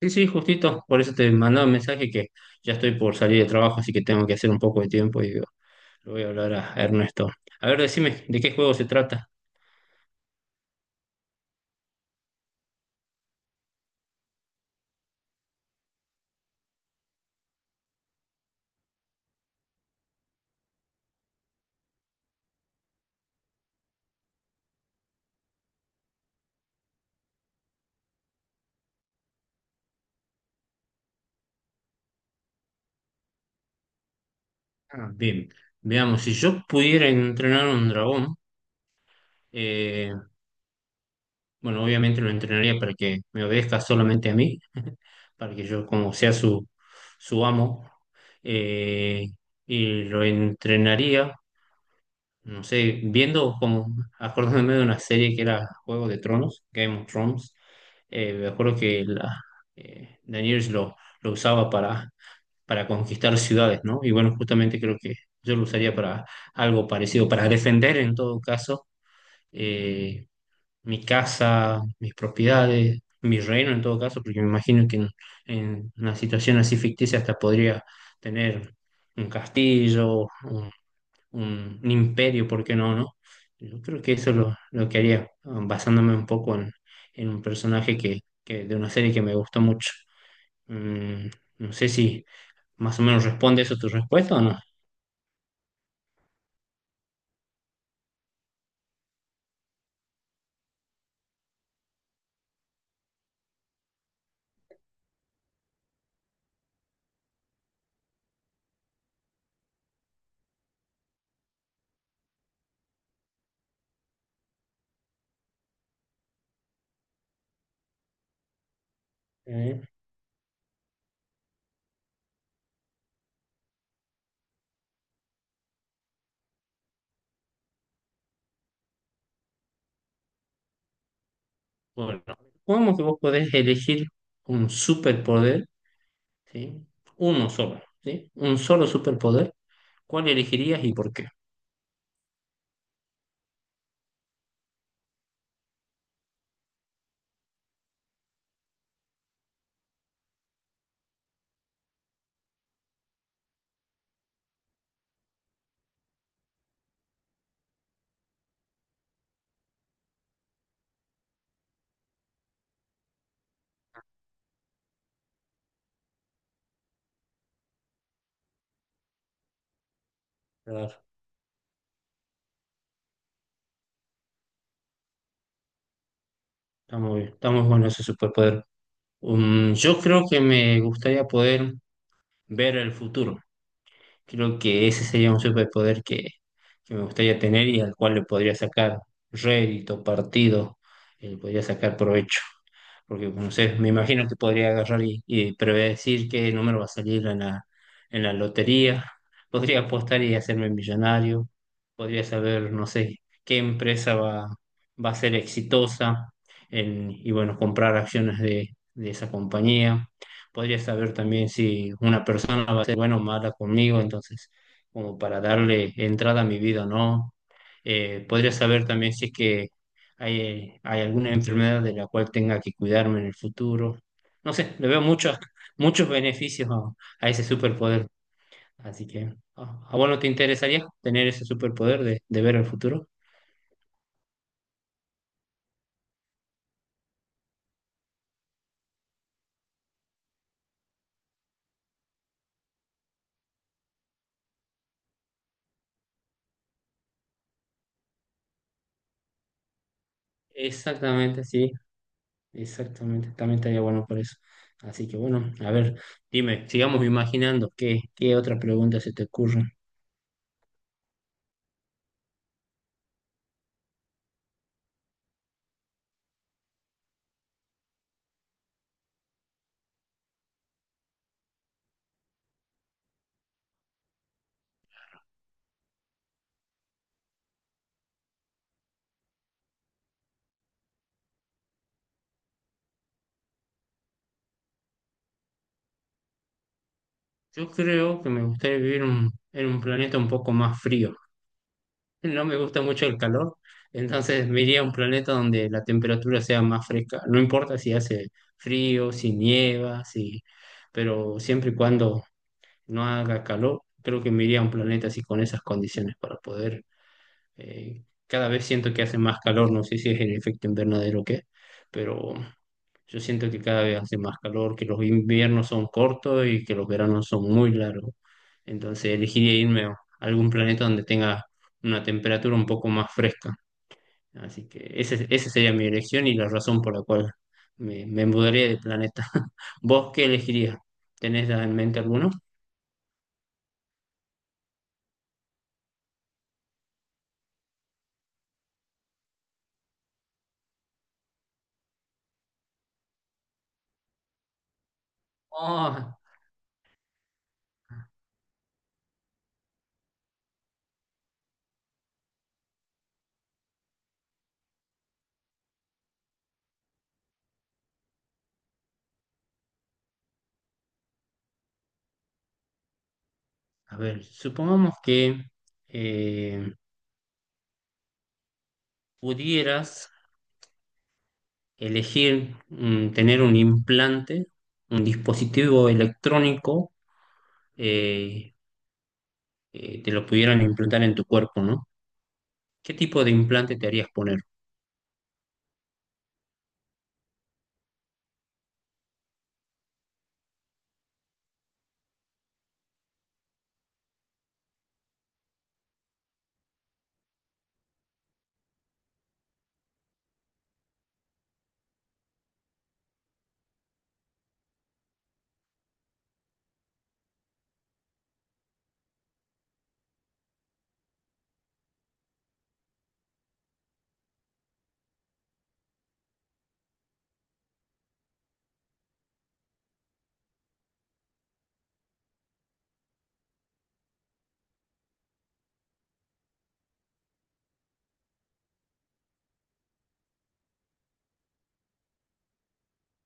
Sí, sí, justito, por eso te mandaba un mensaje que ya estoy por salir de trabajo, así que tengo que hacer un poco de tiempo y digo, le voy a hablar a Ernesto. A ver, decime, ¿de qué juego se trata? Ah, bien, veamos, si yo pudiera entrenar un dragón, eh, bueno, obviamente lo entrenaría para que me obedezca solamente a mí, para que yo como sea su amo, eh, y lo entrenaría, no sé, acordándome de una serie que era Juego de Tronos, Game of Thrones. Me acuerdo que Daenerys lo usaba para conquistar ciudades, ¿no? Y bueno, justamente creo que yo lo usaría para algo parecido, para defender en todo caso eh, mi casa, mis propiedades, mi reino en todo caso, porque me imagino que en una situación así ficticia hasta podría tener un castillo, un imperio, ¿por qué no? Yo creo que eso es lo que haría, ah, basándome un poco en un personaje de una serie que me gustó mucho. Mm, no sé si más o menos responde eso tu respuesta o no. Eh, bueno, supongamos que vos podés elegir un superpoder, ¿sí? Uno solo, ¿sí? Un solo superpoder. ¿Cuál elegirías y por qué? Claro. Está muy bien, está muy bueno ese superpoder. Yo creo que me gustaría poder ver el futuro. Creo que ese sería un superpoder que me gustaría tener y al cual le podría sacar rédito, partido, y le podría sacar provecho porque no sé, me imagino que podría agarrar y predecir qué número va a salir en en la lotería, podría apostar y hacerme millonario, podría saber, no sé, qué empresa va a ser exitosa y bueno, comprar acciones de esa compañía, podría saber también si una persona va a ser buena o mala conmigo, entonces, como para darle entrada a mi vida o no. Podría saber también si es que, ¿hay, hay alguna enfermedad de la cual tenga que cuidarme en el futuro? No sé, le veo muchos, muchos beneficios a ese superpoder. Así que, a vos no te interesaría tener ese superpoder de ver el futuro? Exactamente, sí, exactamente. También estaría bueno por eso. Así que bueno, a ver, dime, sigamos imaginando qué, qué otra pregunta se te ocurre. Yo creo que me gustaría vivir en un planeta un poco más frío. No me gusta mucho el calor, entonces me iría a un planeta donde la temperatura sea más fresca. No importa si hace frío, si nieva, si... pero siempre y cuando no haga calor, creo que me iría a un planeta así con esas condiciones para poder... cada vez siento que hace más calor, no sé si es el efecto invernadero o qué, pero yo siento que cada vez hace más calor, que los inviernos son cortos y que los veranos son muy largos. Entonces elegiría irme a algún planeta donde tenga una temperatura un poco más fresca. Así que esa sería mi elección y la razón por la cual me mudaría de planeta. ¿Vos qué elegirías? ¿Tenés en mente alguno? Ah, a ver, supongamos que eh, pudieras elegir tener un implante, un dispositivo electrónico eh, te lo pudieran implantar en tu cuerpo, ¿no? ¿Qué tipo de implante te harías poner?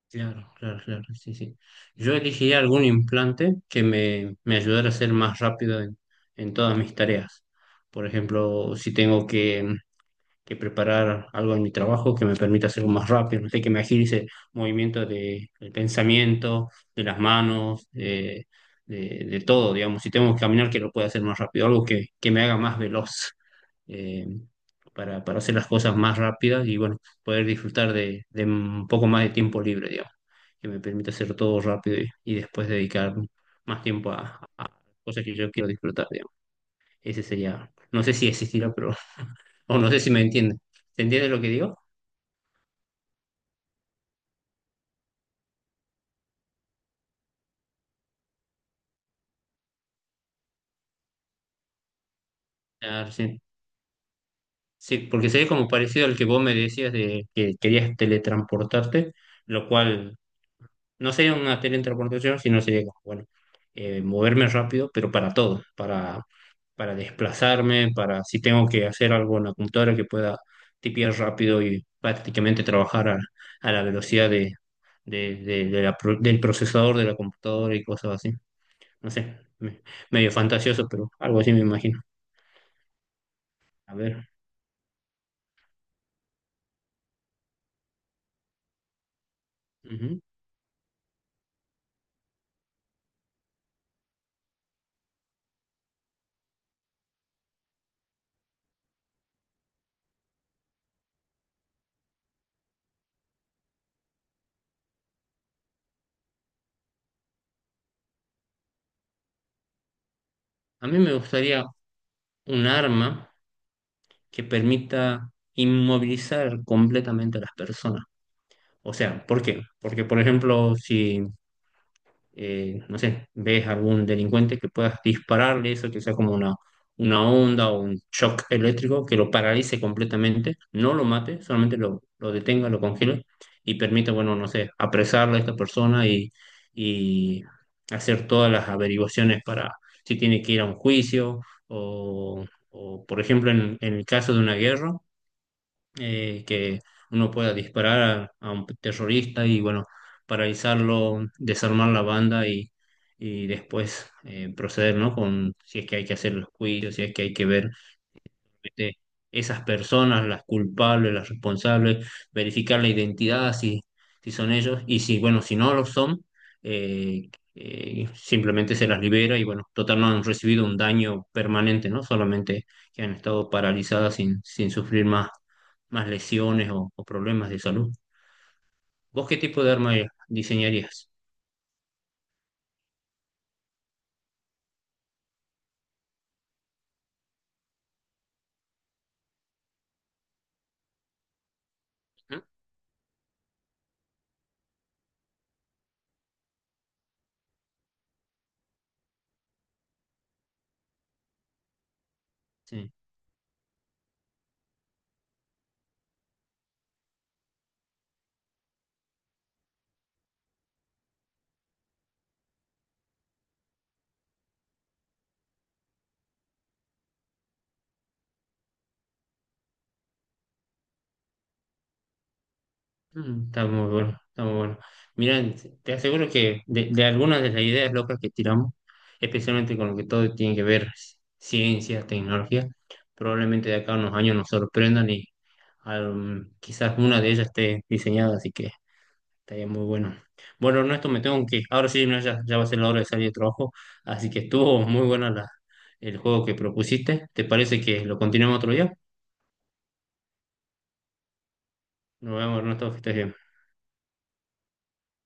Claro, claro, claro, sí, sí. Yo elegiría algún implante que me ayudara a ser más rápido en todas mis tareas. Por ejemplo, si tengo que preparar algo en mi trabajo que me permita hacerlo más rápido, no sé, que me agilice movimientos de, del pensamiento, de las manos, de todo, digamos. Si tengo que caminar, que lo pueda hacer más rápido, algo que me haga más veloz. eh, para hacer las cosas más rápidas y bueno, poder disfrutar de un poco más de tiempo libre, digamos, que me permite hacer todo rápido y después dedicar más tiempo a cosas que yo quiero disfrutar, digamos. Ese sería, no sé si existirá, pero, o no sé si me entiende. ¿Se entiende lo que digo? Ah, sí, sí, porque sería como parecido al que vos me decías de que querías teletransportarte, lo cual no sería una teletransportación, sino sería como, bueno, moverme rápido, pero para todo, para desplazarme, para si tengo que hacer algo en la computadora que pueda tipear rápido y prácticamente trabajar a la velocidad de la del procesador de la computadora y cosas así. No sé, me- medio fantasioso, pero algo así me imagino. A ver, ujú. A mí me gustaría un arma que permita inmovilizar completamente a las personas. O sea, ¿por qué? Porque, por ejemplo, si no sé, ves algún delincuente que puedas dispararle eso, que sea como una onda o un shock eléctrico que lo paralice completamente, no lo mate, solamente lo detenga, lo congele y permita, bueno, no sé, apresarle a esta persona y hacer todas las averiguaciones para si tiene que ir a un juicio o, o, por ejemplo, en el caso de una guerra que uno pueda disparar a un terrorista y bueno, paralizarlo, desarmar la banda y después proceder, ¿no? Con si es que hay que hacer los juicios, si es que hay que ver este, esas personas, las culpables, las responsables, verificar la identidad si, si son ellos y si, bueno, si no lo son, eh, simplemente se las libera y, bueno, total no han recibido un daño permanente, ¿no? Solamente que han estado paralizadas sin, sin sufrir más, más lesiones o problemas de salud. ¿Vos qué tipo de arma diseñarías? Ujú. Sí. Mm, está muy bueno, está muy bueno. Mira, te aseguro que de algunas de las ideas locas que tiramos, especialmente con lo que todo tiene que ver ciencia, tecnología, probablemente de acá a unos años nos sorprendan y quizás una de ellas esté diseñada, así que estaría muy bueno. Bueno, Ernesto, me tengo que ir. Ahora sí, no, ya, ya va a ser la hora de salir de trabajo, así que estuvo muy buena el juego que propusiste. ¿Te parece que lo continuemos otro día? Nos vemos, Ernesto, que estés bien.